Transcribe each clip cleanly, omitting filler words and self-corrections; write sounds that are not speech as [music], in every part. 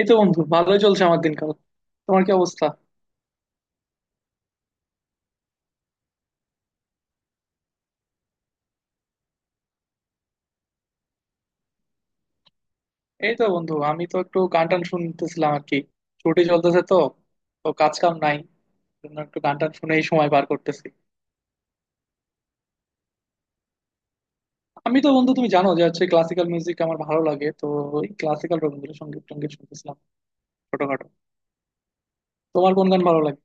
এই তো বন্ধু, ভালোই চলছে আমার দিনকাল। তোমার কি অবস্থা? এই তো বন্ধু, আমি তো একটু গান টান শুনতেছিলাম আর কি। ছুটি চলতেছে তো, কাজ কাম নাই, জন্য একটু গান টান শুনেই সময় পার করতেছি। আমি তো বন্ধু তুমি জানো যে হচ্ছে ক্লাসিক্যাল মিউজিক আমার ভালো লাগে তো। ওই ক্লাসিক্যাল রবীন্দ্রসঙ্গীত টঙ্গীত শুনতেছিলাম ছোটখাটো। তোমার কোন গান ভালো লাগে?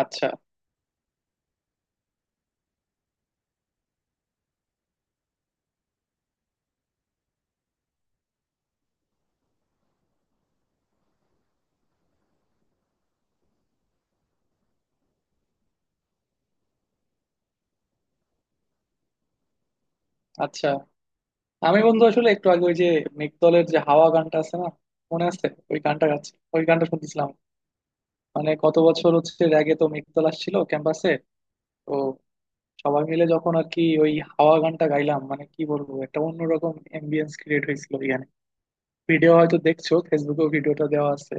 আচ্ছা আচ্ছা। আমি বন্ধু আসলে একটু আগে ওই যে মেঘদলের যে হাওয়া গানটা আছে না, মনে আছে? ওই গানটা গাচ্ছি, ওই গানটা শুনতেছিলাম। মানে কত বছর হচ্ছে, র্যাগে তো মেঘদল আসছিল ক্যাম্পাসে। সবাই মিলে যখন আর কি ওই হাওয়া গানটা গাইলাম, মানে কি বলবো, একটা অন্যরকম এম্বিয়েন্স ক্রিয়েট হয়েছিল ওইখানে। ভিডিও হয়তো দেখছো, ফেসবুকেও ভিডিওটা দেওয়া আছে।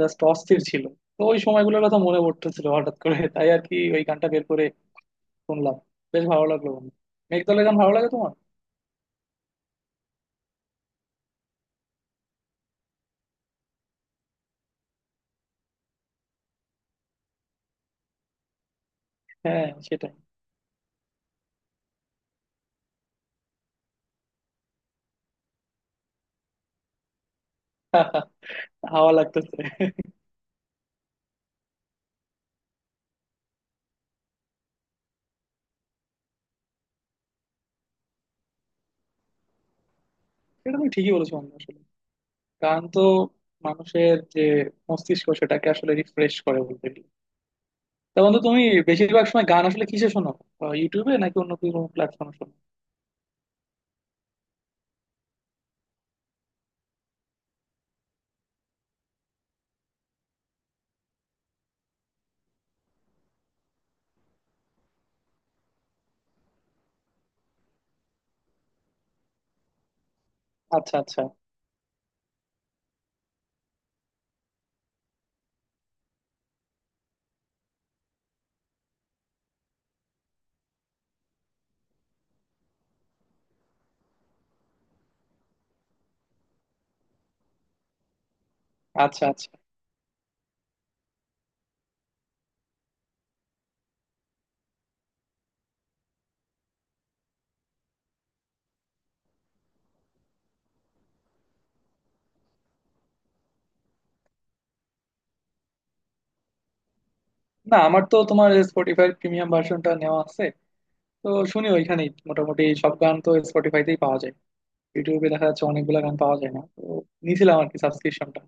জাস্ট অস্থির ছিল। তো ওই সময়গুলোর কথা মনে পড়তেছিল হঠাৎ করে [laughs] তাই আর কি ওই গানটা বের করে শুনলাম। বেশ ভালো লাগলো বন্ধু। মেঘদলের গান ভালো লাগে তোমার? হ্যাঁ সেটাই। [laughs] হাওয়া লাগতেছে। এটা তুমি ঠিকই বলেছো বন্ধু, আসলে গান তো মানুষের যে মস্তিষ্ক, সেটাকে আসলে রিফ্রেশ করে বলতে গেলে। তা বন্ধু তুমি বেশিরভাগ সময় গান আসলে কিসে শোনো? ইউটিউবে নাকি অন্য কোনো প্ল্যাটফর্মে শোনো? আচ্ছা আচ্ছা। আচ্ছা আচ্ছা। না আমার তো তোমার স্পটিফাই প্রিমিয়াম ভার্সনটা নেওয়া আছে, তো শুনি ওইখানেই। মোটামুটি সব গান তো স্পটিফাইতেই পাওয়া যায়, ইউটিউবে দেখা যাচ্ছে অনেকগুলো গান পাওয়া যায় না তো, নিয়েছিলাম আর কি সাবস্ক্রিপশনটা।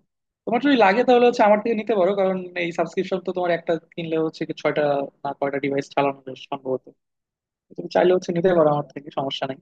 তোমার যদি লাগে তাহলে হচ্ছে আমার থেকে নিতে পারো, কারণ এই সাবস্ক্রিপশন তো তোমার একটা কিনলে হচ্ছে কি ছয়টা না কয়টা ডিভাইস চালানো যায় সম্ভবত। তুমি চাইলে হচ্ছে নিতে পারো আমার থেকে, সমস্যা নেই।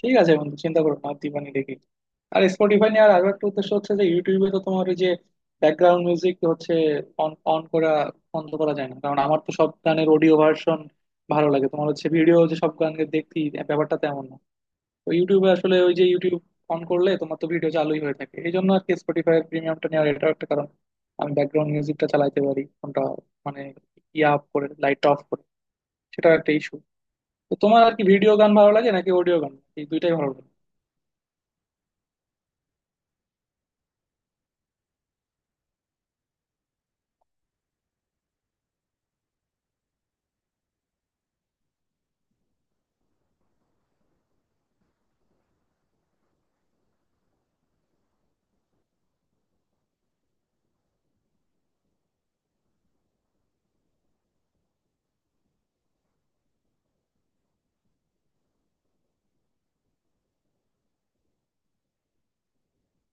ঠিক আছে বন্ধু, চিন্তা করো না, দিবানি দেখি। আর স্পটিফাই নিয়ে আর আরো একটা উদ্দেশ্য হচ্ছে যে ইউটিউবে তো তোমার ওই যে ব্যাকগ্রাউন্ড মিউজিক হচ্ছে অন অন করা বন্ধ করা যায় না, কারণ আমার তো সব গানের অডিও ভার্সন ভালো লাগে। তোমার হচ্ছে ভিডিও যে সব গানকে দেখছি, ব্যাপারটা তেমন না। তো ইউটিউবে আসলে ওই যে ইউটিউব অন করলে তোমার তো ভিডিও চালুই হয়ে থাকে, এই জন্য আর কি স্পটিফাই প্রিমিয়ামটা নেওয়ার এটাও একটা কারণ, আমি ব্যাকগ্রাউন্ড মিউজিকটা চালাইতে পারি কোনটা মানে ইয়া অফ করে লাইটটা অফ করে। সেটাও একটা ইস্যু। তো তোমার আর কি ভিডিও গান ভালো লাগে নাকি অডিও গান? এই দুইটাই ভালো লাগে।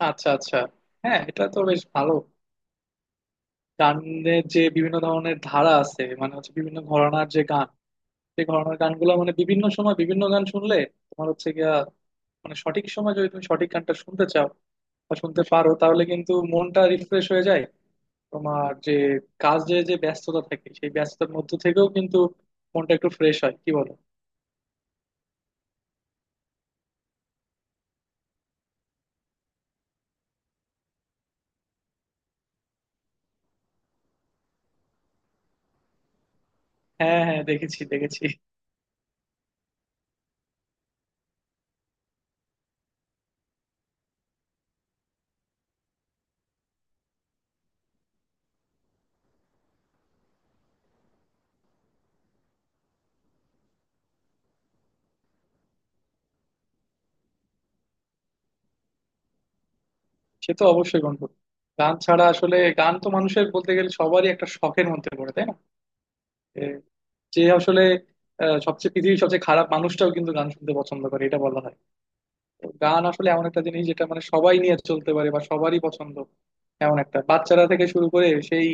আচ্ছা আচ্ছা। হ্যাঁ এটা তো বেশ ভালো। গানের যে বিভিন্ন ধরনের ধারা আছে মানে হচ্ছে বিভিন্ন ঘরানার যে গান, সেই ঘরানার গানগুলো মানে বিভিন্ন সময় বিভিন্ন গান শুনলে তোমার হচ্ছে গিয়া মানে সঠিক সময় যদি তুমি সঠিক গানটা শুনতে চাও বা শুনতে পারো তাহলে কিন্তু মনটা রিফ্রেশ হয়ে যায়। তোমার যে কাজে যে ব্যস্ততা থাকে সেই ব্যস্ততার মধ্যে থেকেও কিন্তু মনটা একটু ফ্রেশ হয়, কি বলো? হ্যাঁ হ্যাঁ, দেখেছি দেখেছি। সে তো অবশ্যই বন্ধু। গান ছাড়া আসলে গান তো মানুষের বলতে গেলে সবারই একটা শখের মধ্যে পড়ে, তাই না? এ, যে আসলে সবচেয়ে পৃথিবীর সবচেয়ে খারাপ মানুষটাও কিন্তু গান শুনতে পছন্দ করে, এটা বলা হয়। তো গান আসলে এমন একটা জিনিস যেটা মানে সবাই নিয়ে চলতে পারে বা সবারই পছন্দ, এমন একটা। বাচ্চারা থেকে শুরু করে সেই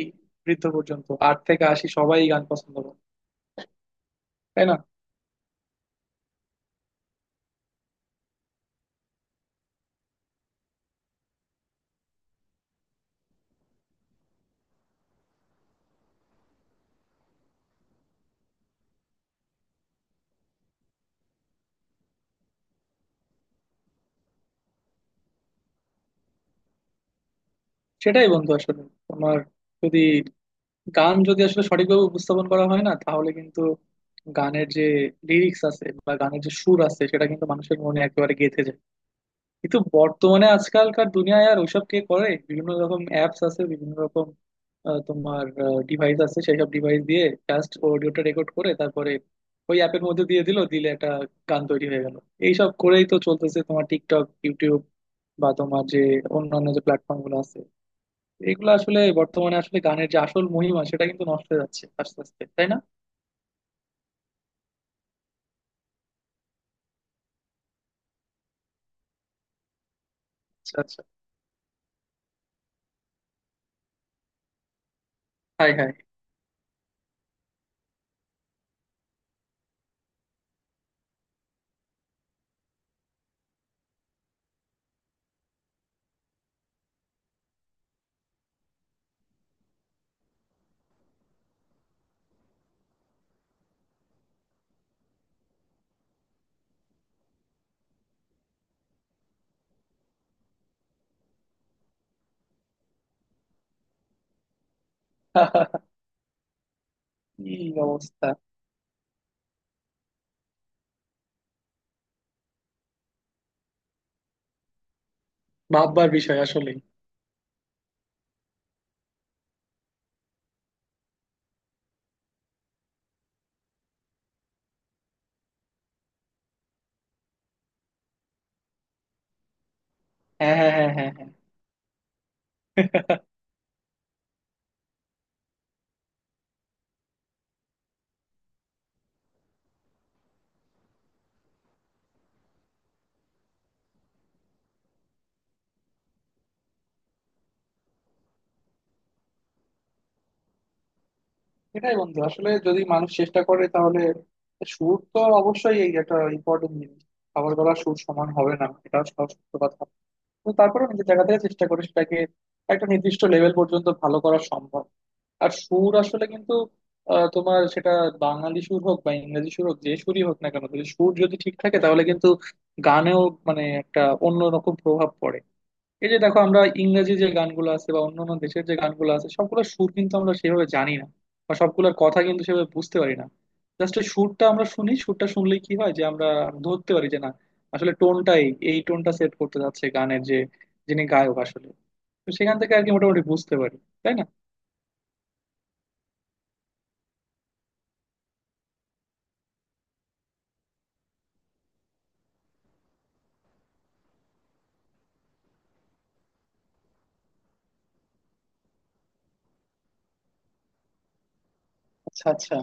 বৃদ্ধ পর্যন্ত আট থেকে আশি সবাই গান পছন্দ করে, তাই না? সেটাই বন্ধু আসলে। তোমার যদি গান যদি আসলে সঠিকভাবে উপস্থাপন করা হয় না, তাহলে কিন্তু গানের যে লিরিক্স আছে বা গানের যে সুর আছে সেটা কিন্তু মানুষের মনে একেবারে গেঁথে যায়। কিন্তু বর্তমানে আজকালকার দুনিয়ায় আর ওইসব কে করে? বিভিন্ন রকম অ্যাপস আছে, বিভিন্ন রকম তোমার ডিভাইস আছে, সেসব ডিভাইস দিয়ে জাস্ট অডিওটা রেকর্ড করে তারপরে ওই অ্যাপের মধ্যে দিয়ে দিল দিলে একটা গান তৈরি হয়ে গেল। এইসব করেই তো চলতেছে তোমার টিকটক, ইউটিউব বা তোমার যে অন্যান্য যে প্ল্যাটফর্ম গুলো আছে। এগুলো আসলে বর্তমানে আসলে গানের যে আসল মহিমা সেটা কিন্তু নষ্ট হয়ে যাচ্ছে আস্তে আস্তে, তাই না? আচ্ছা আচ্ছা। Hi high. [laughs] কি অবস্থা? ভাববার বিষয় আসলে। হ্যাঁ হ্যাঁ হ্যাঁ হ্যাঁ হ্যাঁ। সেটাই বন্ধু আসলে, যদি মানুষ চেষ্টা করে তাহলে সুর তো অবশ্যই এই একটা ইম্পর্টেন্ট জিনিস। খাবার গলার সুর সমান হবে না, এটা সব সত্য কথা। তো তারপরে নিজের জায়গা থেকে চেষ্টা করে সেটাকে একটা নির্দিষ্ট লেভেল পর্যন্ত ভালো করা সম্ভব। আর সুর আসলে কিন্তু তোমার সেটা বাঙালি সুর হোক বা ইংরেজি সুর হোক, যে সুরই হোক না কেন, যদি সুর যদি ঠিক থাকে তাহলে কিন্তু গানেও মানে একটা অন্যরকম প্রভাব পড়ে। এই যে দেখো আমরা ইংরেজি যে গানগুলো আছে বা অন্যান্য দেশের যে গানগুলো আছে সবগুলোর সুর কিন্তু আমরা সেভাবে জানি না বা সবগুলোর কথা কিন্তু সেভাবে বুঝতে পারি না। জাস্ট সুরটা আমরা শুনি, সুরটা শুনলেই কি হয় যে আমরা ধরতে পারি যে না আসলে টোনটাই, এই টোনটা সেট করতে যাচ্ছে গানের যে যিনি গায়ক আসলে। তো সেখান থেকে আর কি মোটামুটি বুঝতে পারি, তাই না? আচ্ছা আচ্ছা।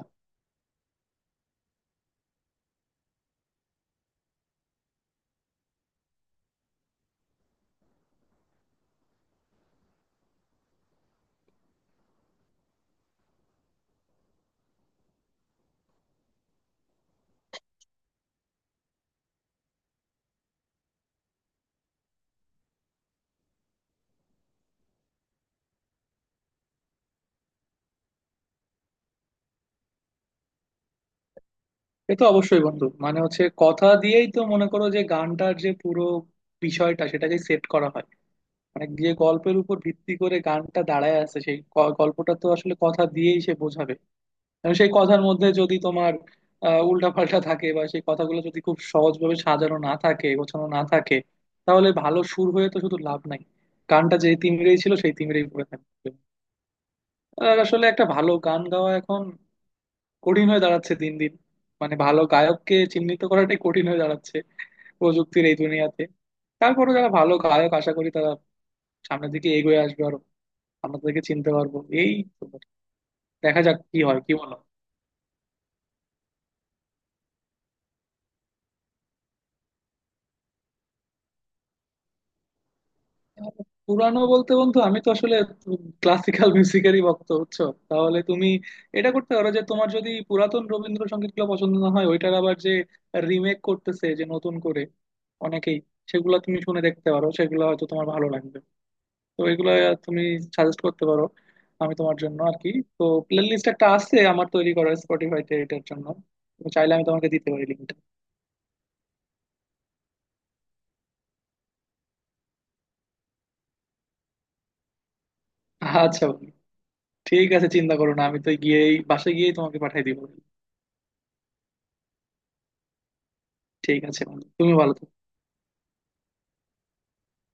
এ তো অবশ্যই বন্ধু, মানে হচ্ছে কথা দিয়েই তো মনে করো যে গানটার যে পুরো বিষয়টা সেটাকে সেট করা হয়, মানে যে গল্পের উপর ভিত্তি করে গানটা দাঁড়ায় আছে সেই গল্পটা তো আসলে কথা দিয়েই সে বোঝাবে। কারণ সেই কথার মধ্যে যদি তোমার উল্টা পাল্টা থাকে বা সেই কথাগুলো যদি খুব সহজভাবে সাজানো না থাকে, গোছানো না থাকে, তাহলে ভালো সুর হয়ে তো শুধু লাভ নাই। গানটা যে তিমিরেই ছিল সেই তিমিরেই পড়ে থাকবে। আর আসলে একটা ভালো গান গাওয়া এখন কঠিন হয়ে দাঁড়াচ্ছে দিন দিন, মানে ভালো গায়ককে চিহ্নিত করাটাই কঠিন হয়ে দাঁড়াচ্ছে প্রযুক্তির এই দুনিয়াতে। তারপরে যারা ভালো গায়ক আশা করি তারা সামনের দিকে এগিয়ে আসবে আরো, আমাদেরকে চিনতে পারবো এই তো। দেখা যাক কি হয়, কি বলো? পুরানো বলতে বন্ধু আমি তো আসলে ক্লাসিক্যাল মিউজিকেরই ভক্ত, বুঝছো? তাহলে তুমি এটা করতে পারো যে, তোমার যদি পুরাতন রবীন্দ্রসঙ্গীত গুলো পছন্দ না হয়, ওইটার আবার যে রিমেক করতেছে যে নতুন করে অনেকেই, সেগুলো তুমি শুনে দেখতে পারো, সেগুলো হয়তো তোমার ভালো লাগবে। তো এগুলো তুমি সাজেস্ট করতে পারো আমি তোমার জন্য আর কি। তো প্লে লিস্ট একটা আছে আমার তৈরি করা স্পটিফাইতে এটার জন্য, তুমি চাইলে আমি তোমাকে দিতে পারি লিঙ্কটা। আচ্ছা বন্ধু, ঠিক আছে চিন্তা করো না, আমি তো গিয়েই বাসায় গিয়েই তোমাকে পাঠিয়ে দিব। ঠিক আছে বন্ধু, তুমি ভালো থেকো।